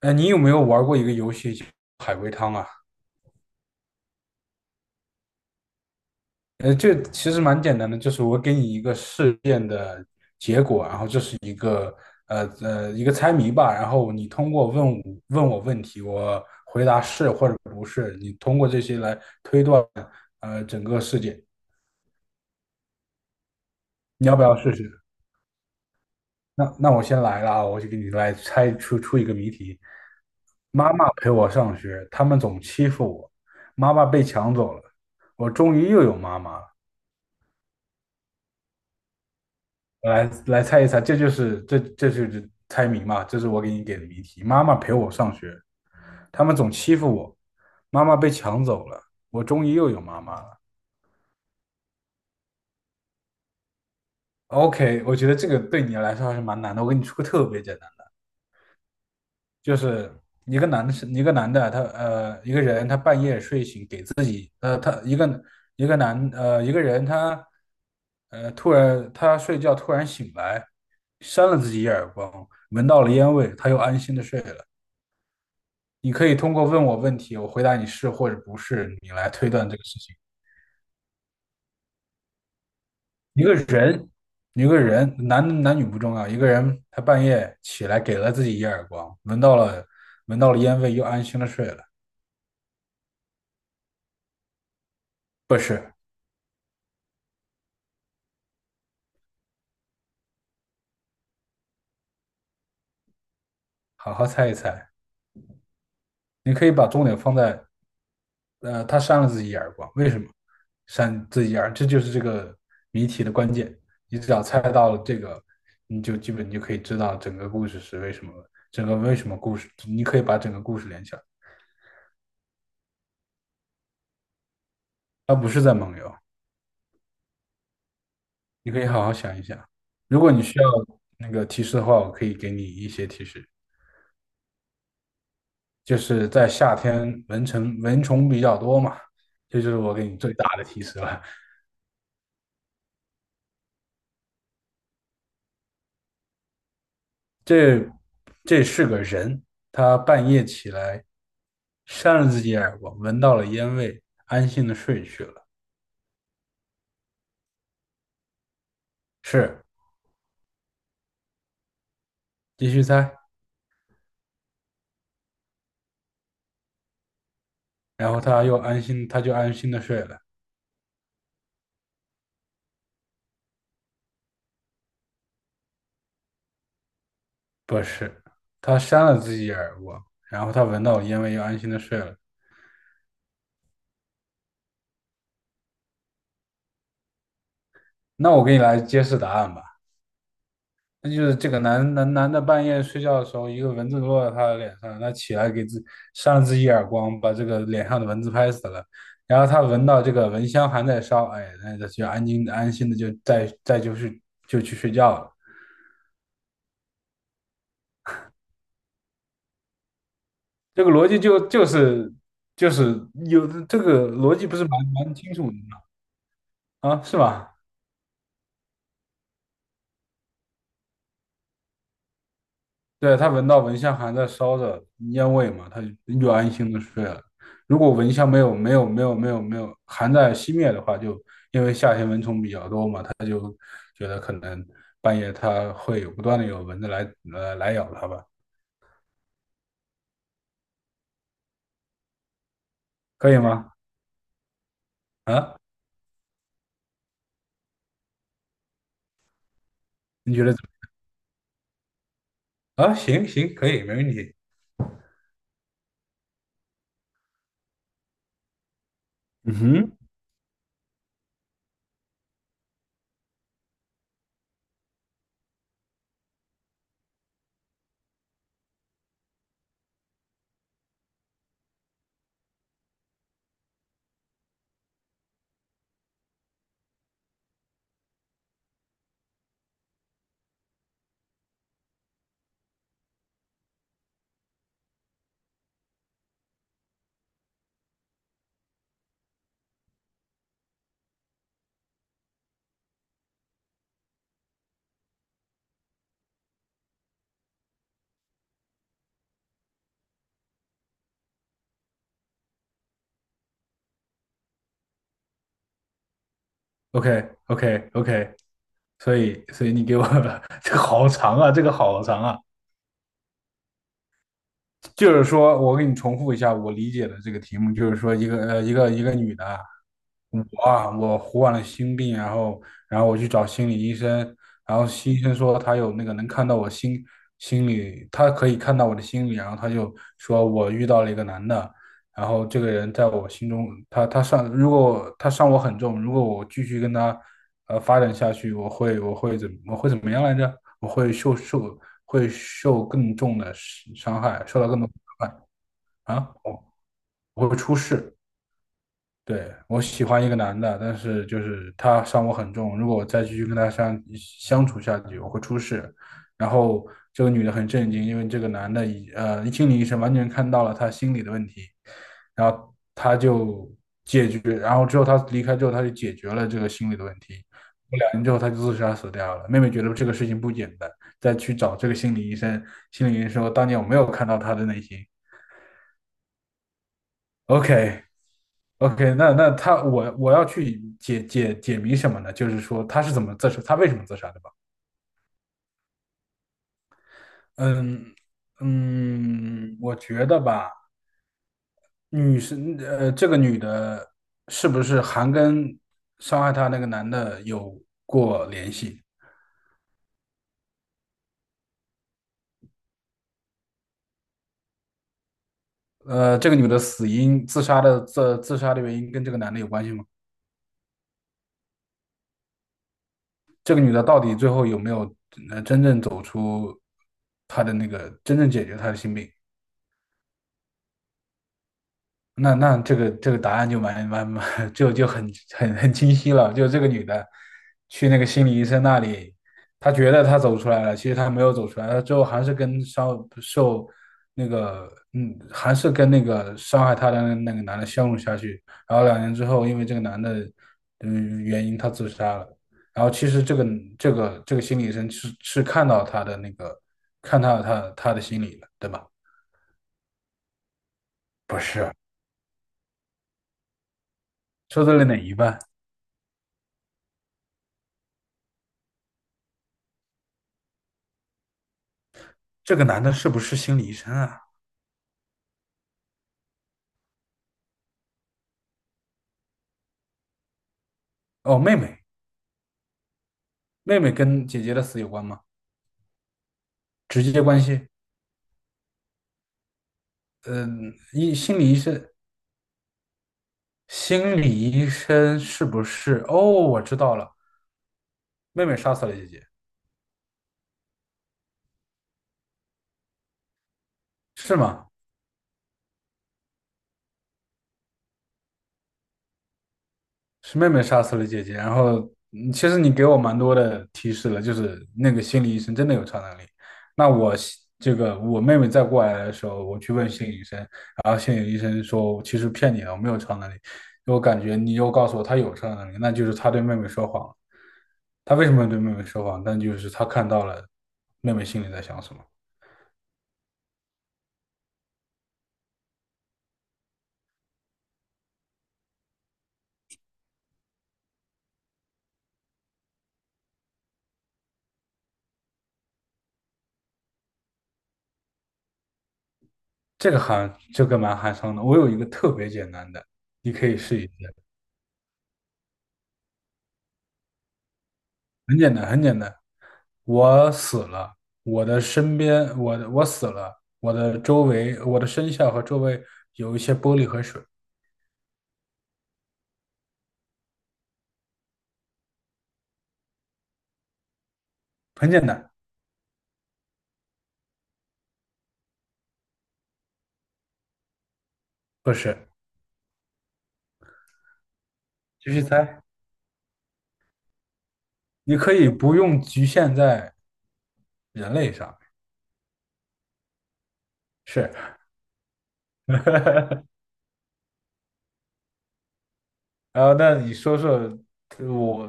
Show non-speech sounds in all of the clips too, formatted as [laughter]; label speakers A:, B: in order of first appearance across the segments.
A: 你有没有玩过一个游戏叫海龟汤啊？这其实蛮简单的，就是我给你一个事件的，然后这是一个一个猜谜吧，然后你通过问我问题，我回答是或者不是，你通过这些来整个事件，你要不要试试？那我先来了啊，我就给你来猜出一个谜题。妈妈陪我上学，他们总欺负我，妈妈被抢走了，我终于又有妈妈了。来猜一猜，这就是猜谜嘛，这是我给你给的谜题。妈妈陪我上学，他们总欺负我，妈妈被抢走了，我终于又有妈妈了。OK,我觉得这个对你来说还是蛮难的。我给你出个特别简单的，就是一个男的，他,一个人他半夜睡醒给自己一个男呃，一个人他呃突然他睡觉突然醒来，扇了自己一耳光，闻到了烟味，他又安心的睡了。你可以通过问我问题，我回答你是或者不是，你来推断这个事情。一个人，一个人，男女不重要，一个人他半夜起来给了自己一耳光，闻到了烟味，又安心的睡了。不是，好好猜一猜。你可以把重点放在，他扇了自己一耳光，为什么扇自己一耳？这就是这个谜题的关键。你只要猜到了这个，你就可以知道整个故事是为什么，整个为什么故事，你可以把整个故事连起来。他不是在蒙游，你可以好好想一想。如果你需要那个提示的话，我可以给你一些提示。就是在夏天，蚊虫比较多嘛，这就是我给你最大的提示了。这这是个人，他半夜起来扇了自己耳光，闻到了烟味，安心的睡去了。是，继续猜。然后他又安心，他就安心的睡了。不是，他扇了自己耳光，然后他闻到了烟味，又安心的睡了。那我给你来揭示答案吧，那就是这个男的半夜睡觉的时候，一个蚊子落在他的脸上，他起来给自扇了自己一耳光，把这个脸上的蚊子拍死了。然后他闻到这个蚊香还在烧，哎，那他就安心的就就是就去睡觉了。这个逻辑就是有这个逻辑不是蛮清楚的吗？啊，是吧？对，他闻到蚊香还在烧着烟味嘛，他就安心的睡了。如果蚊香没有还在熄灭的话，就因为夏天蚊虫比较多嘛，他就觉得可能半夜他会有不断的有蚊子来咬他吧，可以吗？啊，你觉得怎么啊？行，可以，没问题。嗯哼，OK OK OK,所以你给我 [laughs] 这个好长啊，这个好长啊。就是说，我给你重复一下我理解的这个题目，就是说，一个女的，我啊，我完了心病，然后然后我去找心理医生，然后心医生说他有那个能看到我心里，他可以看到我的心理，然后他就说我遇到了一个男的，然后这个人在我心中，他他伤，如果他伤我很重，如果我继续跟他发展下去，我会怎么样来着？我会受受会受更重的伤害，受到更多的伤害啊，我会出事。对，我喜欢一个男的，但是就是他伤我很重，如果我再继续跟他相处下去，我会出事。然后这个女的很震惊，因为这个男的已呃心理医生完全看到了他心理的问题，然后他就解决，然后之后他离开之后，他就解决了这个心理的问题。过两年之后，他就自杀死掉了。妹妹觉得这个事情不简单，再去找这个心理医生，心理医生说当年我没有看到他的内心。OK。OK,那我我要去解谜什么呢？就是说他是怎么自杀，他为什么自杀的吧？嗯嗯，我觉得吧，这个女的是不是还跟伤害她那个男的有过联系？呃，这个女的死因自杀的自自杀的原因跟这个男的有关系吗？这个女的到底最后有没有呃真正走出她的那个真正解决她的心病？那这个答案就蛮 [laughs] 就很清晰了，就这个女的去那个心理医生那里，她觉得她走出来了，其实她没有走出来，她最后还是跟伤受那个嗯，还是跟那个伤害她的那个男的相处下去，然后两年之后，因为这个男的原因，她自杀了。然后其实这个心理医生是看到她的那个看到她的心理了，对吧？不是，说到了哪一半？这个男的是不是心理医生啊？哦，妹妹，妹妹跟姐姐的死有关吗？直接关系？嗯，一心理医生，心理医生是不是？哦，我知道了，妹妹杀死了姐姐，是吗？是妹妹杀死了姐姐，然后其实你给我蛮多的提示了，就是那个心理医生真的有超能力。那我西这个我妹妹再过来的时候，我去问心理医生，然后心理医生说其实骗你了，我没有超能力。我感觉你又告诉我他有超能力，那就是他对妹妹说谎了。他为什么要对妹妹说谎？但就是他看到了妹妹心里在想什么。这个含这个蛮寒伤的。我有一个特别简单的，你可以试一试。很简单，很简单。我死了，我死了，我的周围，我的身下和周围有一些玻璃和水，很简单，不是？继续猜，你可以不用局限在人类上，是。[laughs] 然后，那你说说，我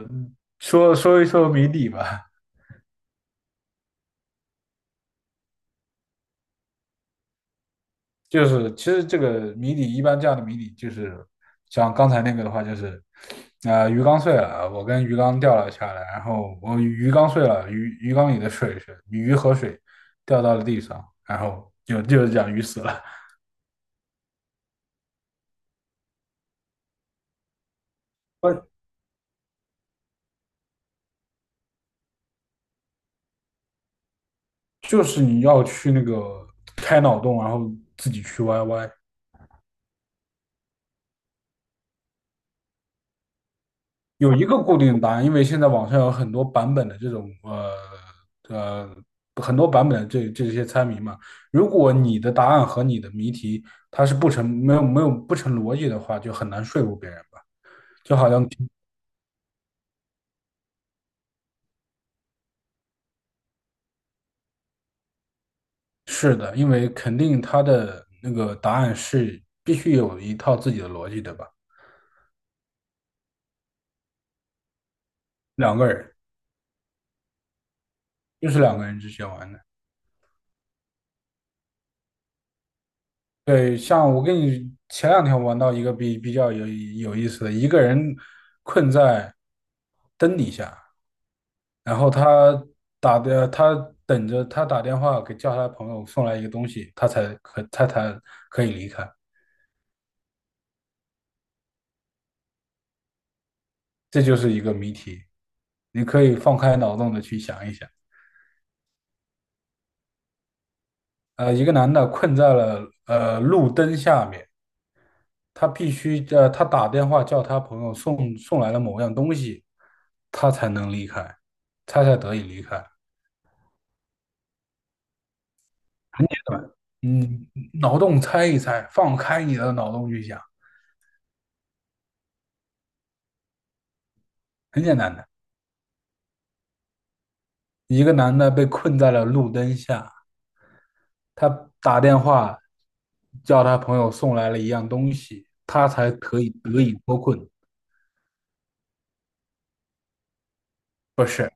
A: 说说一说谜底吧。就是其实这个谜底一般这样的谜底就是像刚才那个的话就是，啊、鱼缸碎了，我跟鱼缸掉了下来，然后我鱼缸碎了，鱼缸里的水是鱼和水掉到了地上，然后就是讲鱼死了，[laughs] 呃，就是你要去那个开脑洞，然后自己去歪歪。有一个固定答案，因为现在网上有很多版本的这种呃很多版本的这些猜谜嘛。如果你的答案和你的谜题它是不成没有没有不成逻辑的话，就很难说服别人吧。就好像是的，因为肯定他的那个答案是必须有一套自己的逻辑的吧。两个人就是两个人之间玩的。对，像我跟你前两天玩到一个比较有意思的，一个人困在灯底下，然后他打的，他等着他打电话给叫他的朋友送来一个东西，他才可以离开。这就是一个谜题，你可以放开脑洞的去想一想。呃，一个男的困在了呃路灯下面，他必须呃他打电话叫他朋友送来了某样东西，他才能离开，他才得以离开。很简单，嗯，脑洞猜一猜，放开你的脑洞去想，很简单的。一个男的被困在了路灯下，他打电话叫他朋友送来了一样东西，他才可以得以脱困。不是，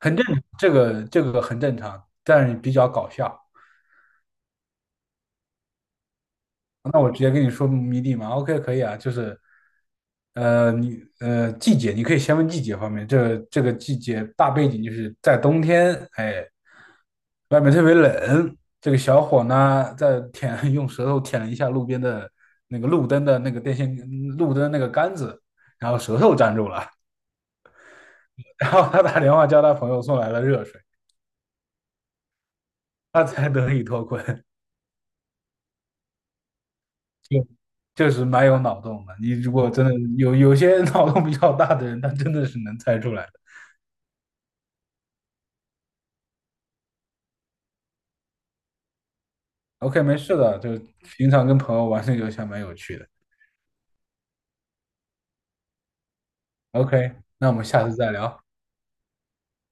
A: 很正，这个很正常，但是比较搞笑。那我直接跟你说谜底嘛，OK,可以啊，就是，季节，你可以先问季节方面，这个季节大背景就是在冬天，哎，外面特别冷，这个小伙呢在舔 [laughs]，用舌头舔了一下路边的那个路灯的那个电线路灯那个杆子，然后舌头粘住了，[laughs] 然后他打电话叫他朋友送来了热水，他才得以脱困。就是蛮有脑洞的，你如果真的有些脑洞比较大的人，他真的是能猜出来。OK,没事的，就是平常跟朋友玩这个游戏还蛮有趣的。OK,那我们下次再聊。